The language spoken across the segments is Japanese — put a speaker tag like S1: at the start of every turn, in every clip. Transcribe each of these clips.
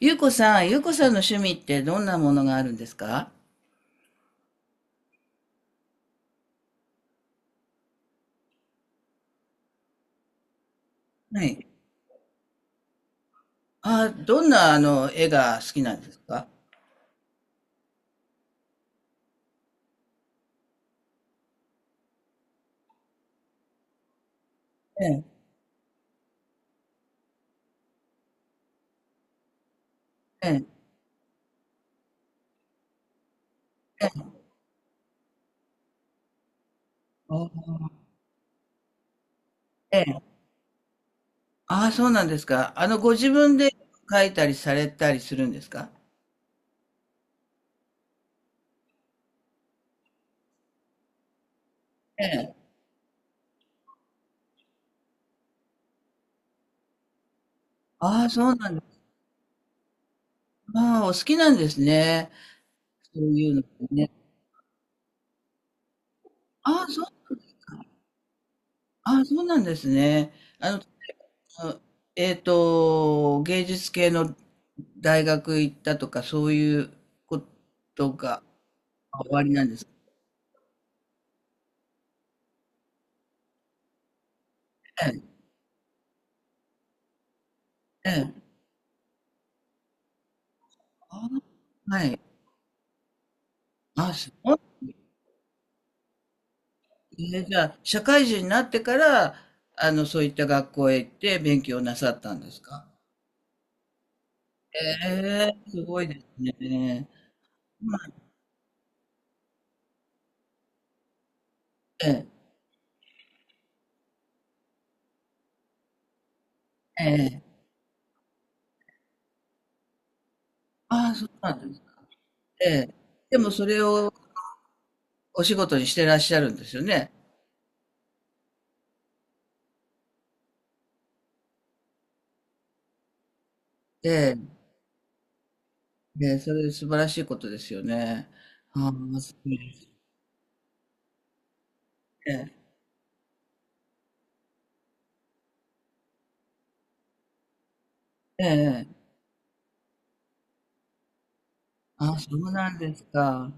S1: ゆうこさん、ゆうこさんの趣味ってどんなものがあるんですか？はい。あ、どんな絵が好きなんですか？ええ、ええ、ええ。あー、ええ、あー、そうなんですか。あの、ご自分で描いたりされたりするんですか？ええ。ああ、そうなんです。ああ、お好きなんですね。そういうの、ね。ああ、そう、ああ、そうなんですね。あの、あの、芸術系の大学行ったとか、そういうことがあ、終わりなんですね。ええ。ああ、はい。あ、すごいですね。じゃあ、社会人になってから、あの、そういった学校へ行って勉強なさったんですか？ええ、すごいですね。まあ、ええ、ええ。ああ、そうなんですね。ええ。でもそれをお仕事にしてらっしゃるんですよね？ええ。ええ、それ素晴らしいことですよね。ああ、すごいですね。ええ。ええ、あ、そうなんですか。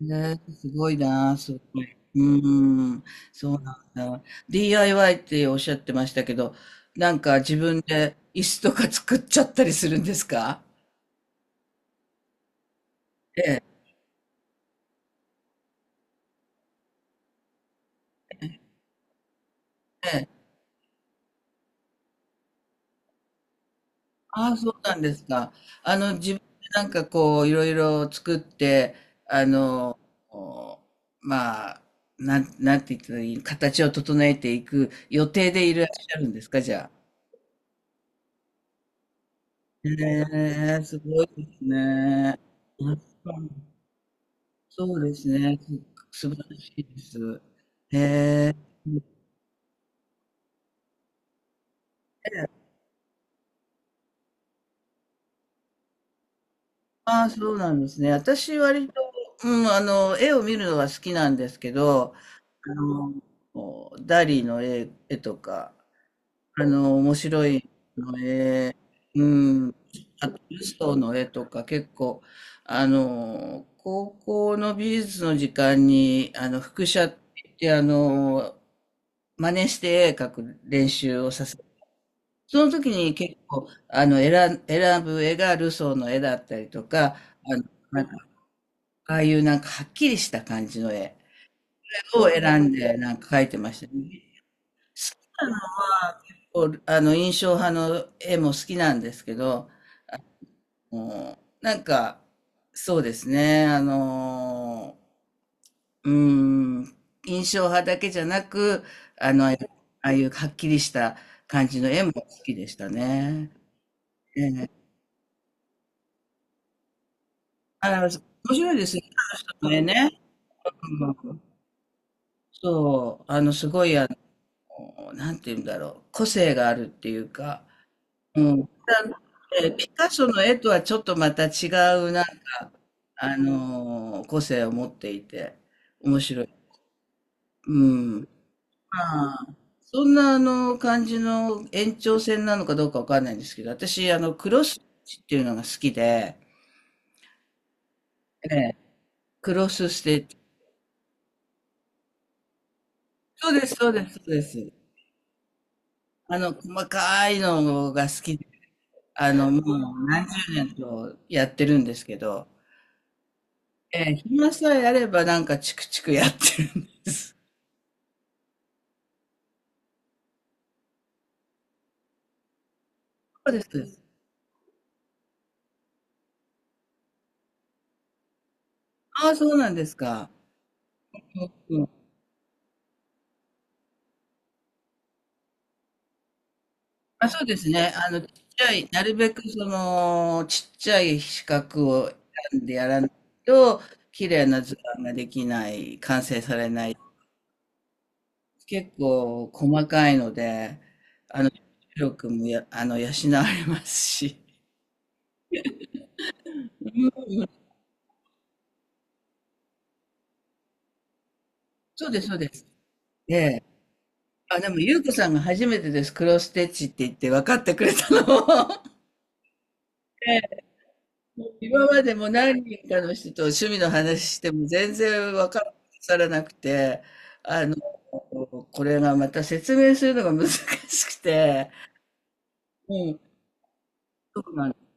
S1: ね、すごいな、すごい。うん、そうなんだ。DIY っておっしゃってましたけど、なんか自分で椅子とか作っちゃったりするんですか？ええ、ええ。ああ、そうなんですか。あの、自分でなんかこう、いろいろ作って、あの、お、まあ、なん、なんて言ったらいい、形を整えていく予定でいらっしゃるんですか、じゃあ。へえ、すごいですね。やっぱ、そうですね、す素晴らしいです。へえ。で、ああ、そうなんですね。私割と、うん、あの、絵を見るのが好きなんですけど、あの、ダリの絵、絵とか、あの、面白いの絵、うん。あと、ルソーの絵とか結構、あの、高校の美術の時間に、あの、複写って言って、あの、真似して絵描く練習をさせる。その時に結構、あの、選ん、選ぶ絵がルソーの絵だったりとか、あの、なんか、ああいうなんかはっきりした感じの絵を選んでなんか描いてましたね。こう、あの、印象派の絵も好きなんですけど、もう、なんか、そうですね、ー、うーん、印象派だけじゃなく、あの、ああいうはっきりした感じの絵も好きでしたね。ええ。あの、面白いですね、彼人の絵ね。うん、そう、あの、すごい、あの、なんて言うんだろう、個性があるっていうか、うん。ピカソの絵とはちょっとまた違う、なんか、個性を持っていて、面白い。うん。まあ、そんなあの感じの延長線なのかどうかわかんないんですけど、私、あの、クロスステッチっていうのが好きで、ええ、クロスステッチ。そうです、そうです、そうです。あの、細かいのが好きで、あの、もう何十年とやってるんですけど、ええ、暇さえあればなんかチクチクやってるんです。そうです。ああ、そうなんですか。あ、そうですね。あの、ちっちゃい、なるべくその、ちっちゃい四角を選んでやらないと、綺麗な図案ができない、完成されない。結構細かいので、あの、力もや、あの、養われますし。うん、そうです、そうです。ええ。あ、でも、ゆうこさんが初めてです。クロスステッチって言って分かってくれたのも。ええ、今までも何人かの人と趣味の話しても全然分からさなくて、あの、これがまた説明するのが難しくて、うん、そうなんです。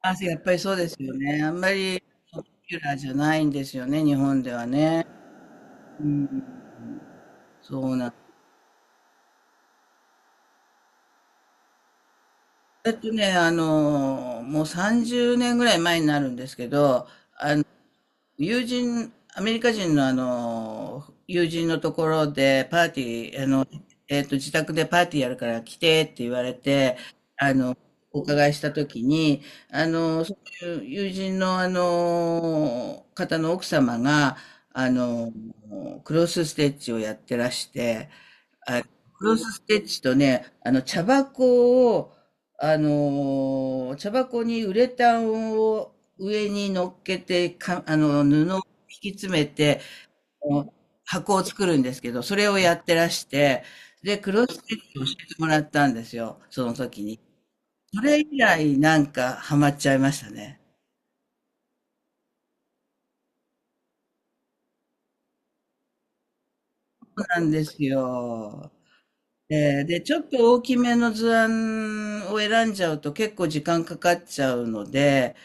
S1: あ、やっぱりそうですよね。あんまりポピュラーじゃないんですよね、日本ではね。うん、そうなんだ。ってね、あの、もう30年ぐらい前になるんですけど、友人、アメリカ人のあの、友人のところでパーティー、あの、えっと、自宅でパーティーやるから来てって言われて、あの、お伺いしたときに、あの、そういう友人のあの、方の奥様が、あの、クロスステッチをやってらして、あ、クロスステッチとね、あの、茶箱を、あのー、茶箱にウレタンを上に乗っけて、か、あの、布を引き詰めて、あの、箱を作るんですけど、それをやってらして、で、クロスステッチを教えてもらったんですよ、その時に。それ以来、なんか、ハマっちゃいましたね。そうなんですよ。で、で、ちょっと大きめの図案を選んじゃうと結構時間かかっちゃうので、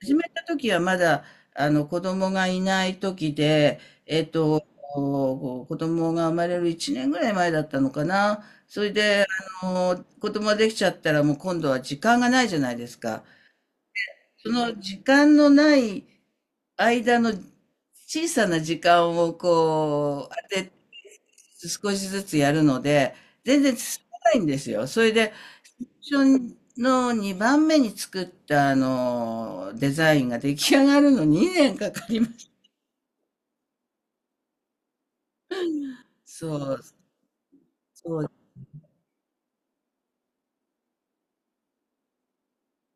S1: 始めた時はまだ、あの、子供がいない時で、えっと、こう子供が生まれる1年ぐらい前だったのかな。それで、あの、子供ができちゃったらもう今度は時間がないじゃないですか。その時間のない間の小さな時間をこう、当てて、少しずつやるので、全然進まないんですよ。それで、最初の2番目に作ったあの、デザインが出来上がるの2年かかりました。そう、そう、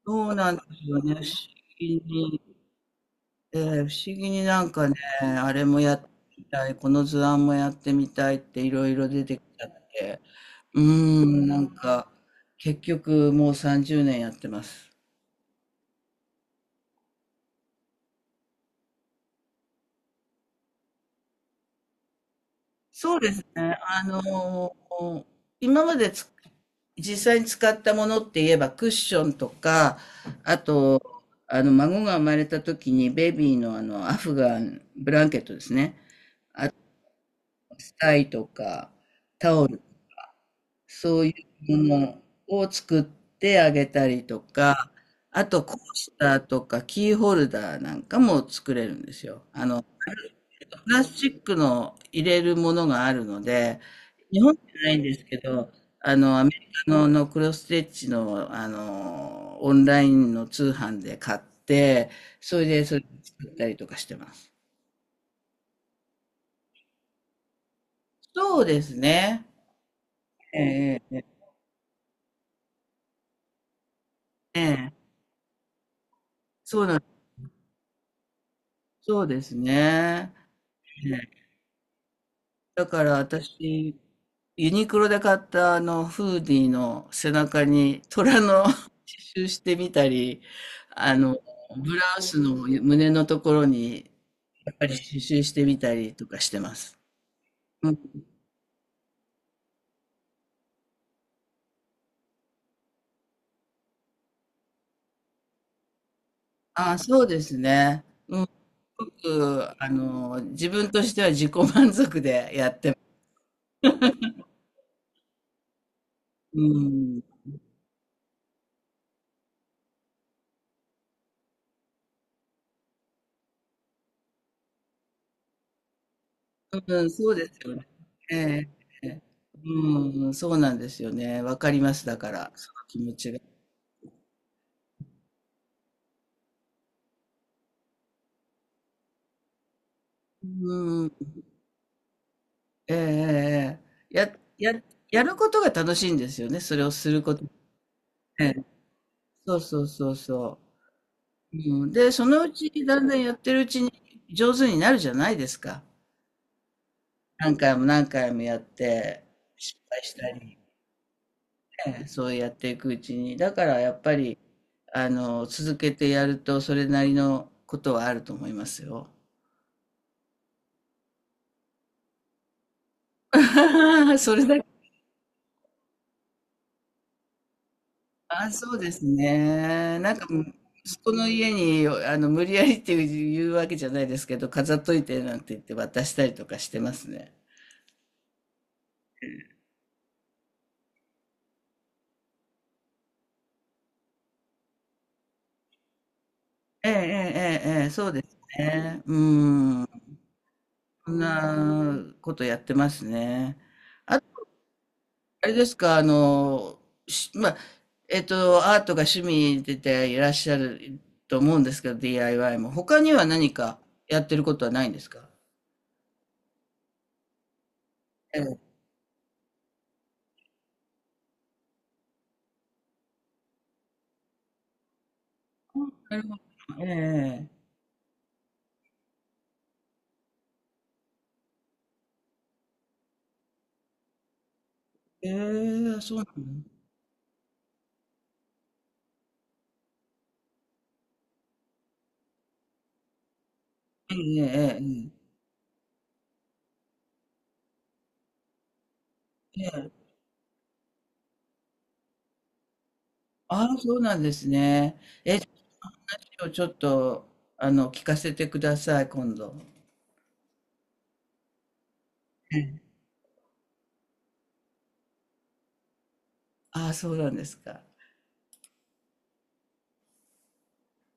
S1: そうなんですよね。不思議に、不思議になんかね、あれもやってみたい、この図案もやってみたいっていろいろ出てきちゃって。うーん、なんか、結局もう30年やってます。そうですね。ー今までつ実際に使ったものって言えばクッションとか、あと、あの、孫が生まれた時にベビーのあの、アフガン、ブランケットですね。あと、スタイとか、タオル、そういうものを作ってあげたりとか、あと、コースターとかキーホルダーなんかも作れるんですよ。あの、プラスチックの入れるものがあるので、日本じゃないんですけど、あの、アメリカの、のクロスステッチの、あの、オンラインの通販で買って、それで、それ作ったりとかしてます。そうですね。ええ、ええ、ええ、そうなん、そうですね。だから私、ユニクロで買ったあのフーディーの背中に虎の 刺繍してみたり、あの、ブラウスの胸のところにやっぱり刺繍してみたりとかしてます。うん、あ、そうですね。うん、すごく、あの、自分としては自己満足でやってます。うん、うん、そうですよね。ええ、ええ、うん、そうなんですよね。わかります。だから、その気持ちが。うん、ええ、ええ、ええ、や、や、やることが楽しいんですよね、それをすること。ええ。そうそうそうそう。うん、で、そのうちだんだんやってるうちに上手になるじゃないですか。何回も何回もやって、失敗したり、ね、そうやっていくうちに。だからやっぱり、あの、続けてやるとそれなりのことはあると思いますよ。それだけ、あ、そうですね。なんか、息子の家に、あの、無理やりっていう言うわけじゃないですけど、飾っといてなんて言って渡したりとかしてますね。ええ、ええ、ええ、そうですね。うん。そんなことやってますね。あと、あれですか、あの、し、まあ、えっと、アートが趣味でていらっしゃると思うんですけど、DIY も。他には何かやってることはないんですか？ええ。なるほど、ええ。ええ、そうなんだ。ええ、ええ、ええ、ええ。ああ、そうなんですね。今日ちょっと、あの、聞かせてください、今度。ええ。ああ、そうなんですか。